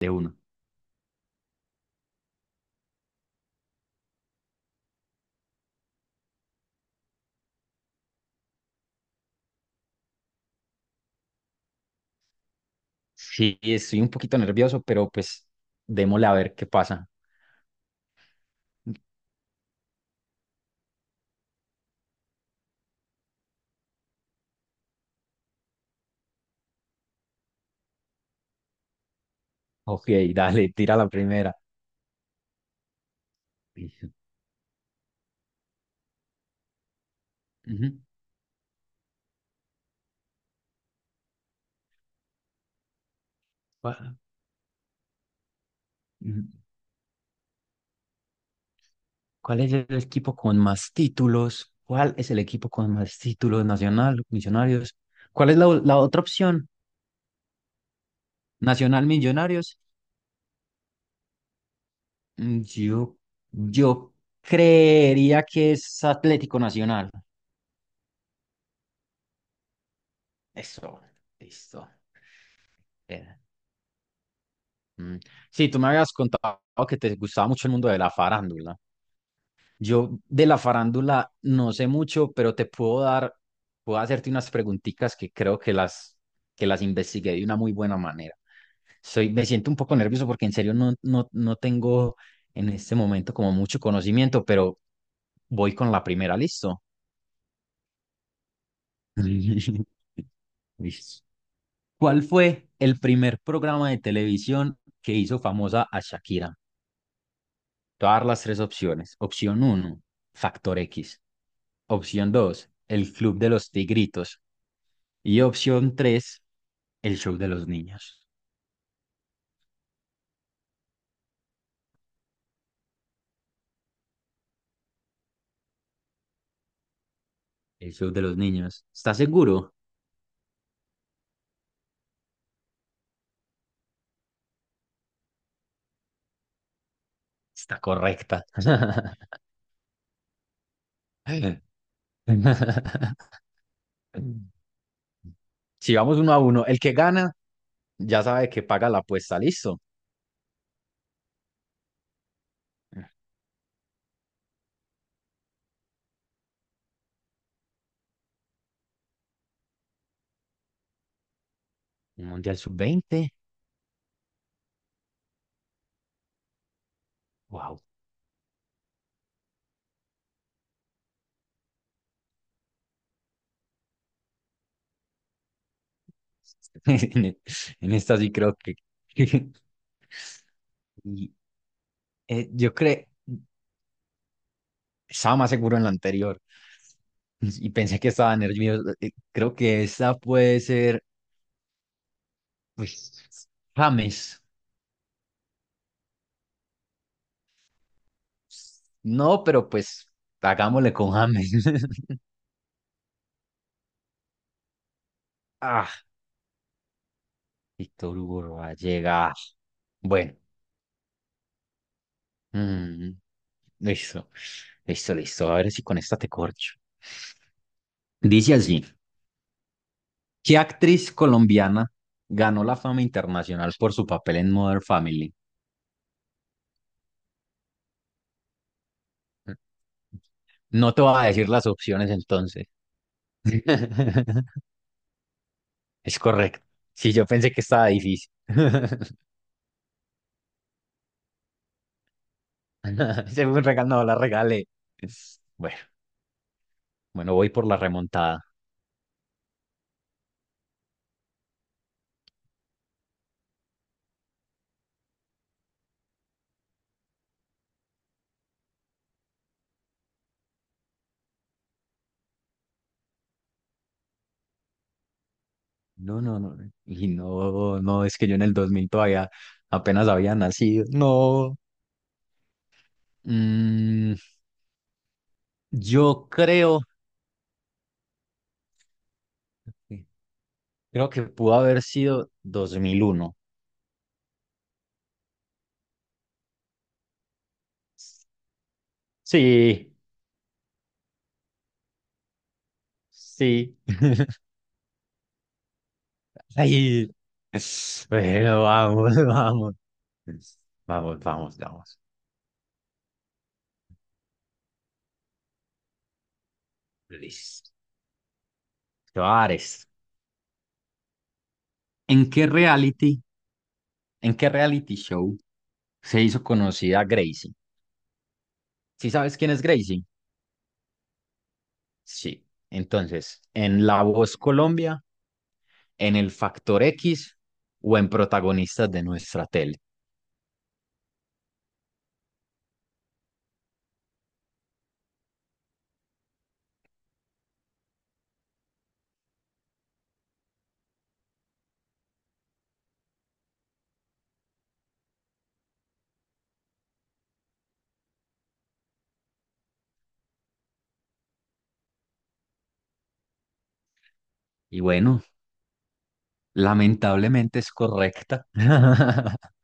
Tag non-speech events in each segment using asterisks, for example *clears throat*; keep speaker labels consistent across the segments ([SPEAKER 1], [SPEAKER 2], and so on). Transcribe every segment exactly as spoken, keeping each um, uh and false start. [SPEAKER 1] De uno. Sí, estoy un poquito nervioso, pero pues démosle a ver qué pasa. Ok, *laughs* dale, tira la primera. Listo. Ujú. ¿Cuál ujú. ¿Cuál es el equipo con más títulos? ¿Cuál es el equipo con más títulos nacional, Millonarios? ¿Cuál es la, o- la otra opción? Nacional Millonarios. Mm, Yo, yo creería que es Atlético Nacional. Eso, listo. Mm. Sí, tú me habías contado que te gustaba mucho el mundo de la farándula. Yo de la farándula no sé mucho, pero te puedo dar, puedo hacerte unas preguntitas que creo que las, que las investigué de una muy buena manera. Soy, me siento un poco nervioso porque en serio no, no, no tengo en este momento como mucho conocimiento, pero voy con la primera, ¿listo? *laughs* Listo. ¿Cuál fue el primer programa de televisión que hizo famosa a Shakira? Te voy a dar las tres opciones. Opción uno Factor X. Opción dos El Club de los Tigritos. Y opción tres El Show de los Niños. El Show de los Niños. ¿Estás seguro? Está correcta. *laughs* Si vamos uno a uno, el que gana ya sabe que paga la apuesta, listo. Un Mundial sub veinte wow. *laughs* En esta sí creo que... *laughs* Y, eh, yo creo, estaba más seguro en la anterior y pensé que estaba nervioso. Eh, Creo que esta puede ser, pues, James. No, pero pues, hagámosle con James. *laughs* Ah, Víctor Hugo llega. Bueno, mm, listo, listo, listo. A ver si con esta te corcho. Dice así: ¿Qué actriz colombiana ganó la fama internacional por su papel en Modern Family? No te voy a decir las opciones entonces. *laughs* Es correcto. Sí, yo pensé que estaba difícil. *laughs* Se fue un regalo, no, la regalé. Bueno, bueno, voy por la remontada. No, no, no. Y no, no, es que yo en el dos mil todavía apenas había nacido. No. Mm, yo creo, creo que pudo haber sido dos mil uno. Sí, sí. *laughs* Ay, bueno, vamos, *laughs* vamos. Vamos, vamos, vamos. Listo. Te voy a dar esta. ¿En qué reality, en qué reality show se hizo conocida Gracie? ¿Sí sabes quién es Gracie? Sí. Entonces, ¿en La Voz Colombia, en El Factor X o en Protagonistas de nuestra tele? Y bueno, lamentablemente es correcta. *laughs*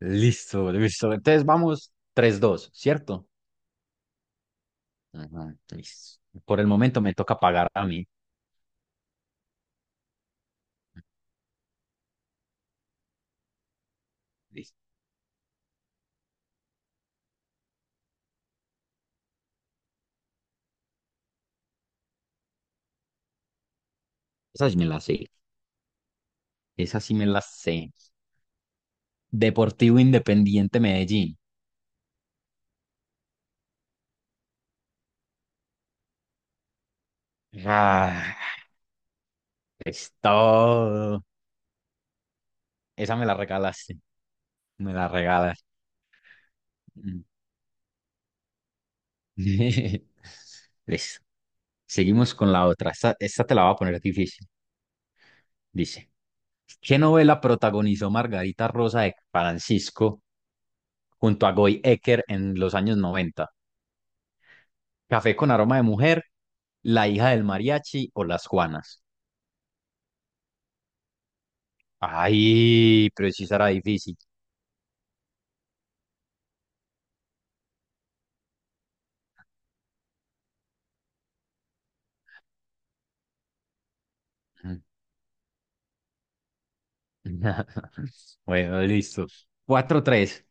[SPEAKER 1] Listo, listo. Entonces vamos tres, dos, ¿cierto? Ajá, listo. Por el momento me toca pagar a mí. Listo. Esa sí me la sé. Esa sí me la sé. Deportivo Independiente Medellín. Ah, es todo. Esa me la regalaste. Me la regalas. Mm. *laughs* Listo. Seguimos con la otra. Esta, esta te la voy a poner difícil. Dice, ¿qué novela protagonizó Margarita Rosa de Francisco junto a Goy Ecker en los años noventa? ¿Café con aroma de mujer, La hija del mariachi o Las Juanas? Ay, pero sí será difícil. Mm. *laughs* Bueno, listo. Cuatro tres.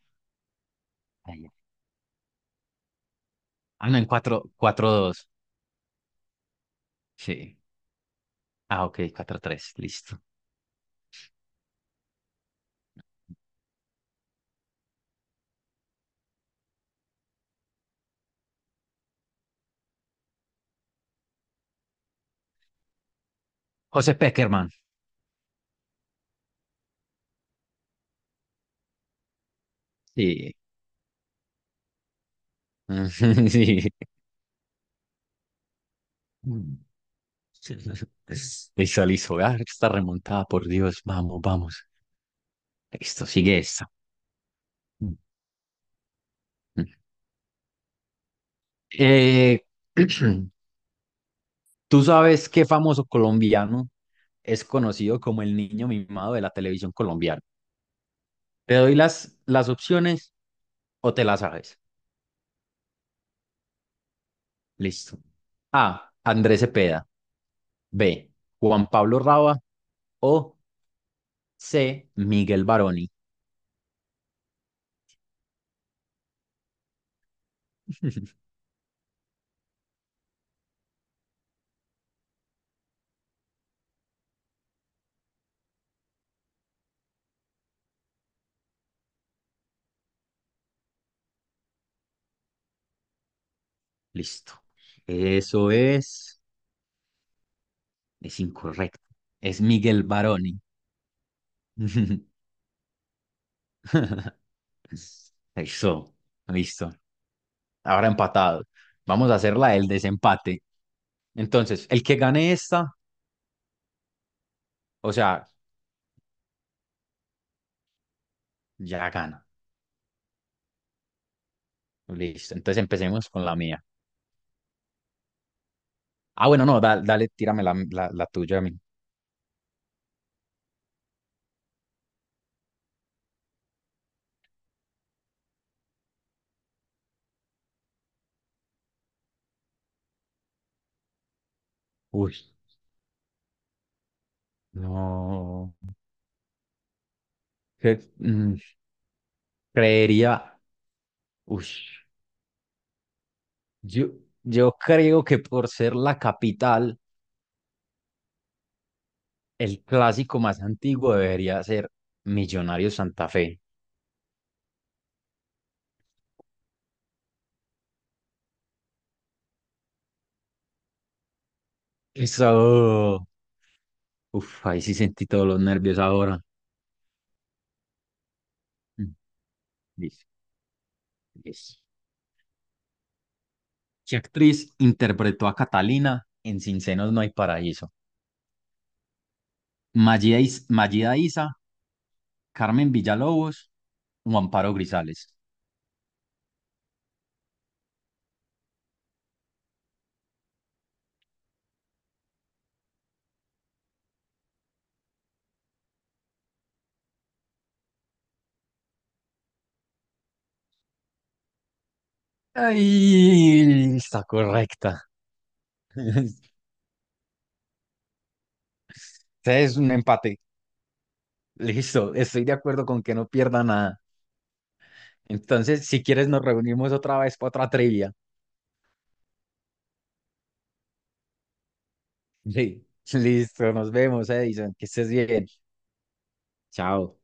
[SPEAKER 1] Ay, ah, no, en cuatro cuatro dos. Sí. Ah, ok, cuatro tres, listo. José Peckerman. Sí. *laughs* Sí. Listo, listo. Ah, está remontada, por Dios. Vamos, vamos. Listo, sigue esta. Mm, mm. Eh, *clears throat* ¿Tú sabes qué famoso colombiano es conocido como el niño mimado de la televisión colombiana? ¿Te doy las, las opciones o te las sabes? Listo. A. Andrés Cepeda. B. Juan Pablo Raba. O C. Miguel Baroni. *laughs* Listo. Eso es, es incorrecto. Es Miguel Baroni. *laughs* Eso, listo. Ahora empatado. Vamos a hacer la del desempate. Entonces, el que gane esta, o sea, ya gana. Listo. Entonces empecemos con la mía. Ah, bueno, no, da- dale, tírame la, la, la tuya a mí. Uy, no. Que- mm, Creería. Uy, yo, yo creo que por ser la capital. El clásico más antiguo debería ser Millonarios Santa Fe. Eso. Uf, ahí sí sentí todos los nervios ahora. Mm, Listo, listo. ¿Qué actriz interpretó a Catalina en Sin Senos No Hay Paraíso? Mayida, Is- Mayida Isa, Carmen Villalobos o Amparo Grisales. Ay, está correcta. *laughs* Este es un empate. Listo, estoy de acuerdo con que no pierda nada. Entonces, si quieres, nos reunimos otra vez para otra trivia. *laughs* Sí, listo, nos vemos, Edison, que estés bien. Chao.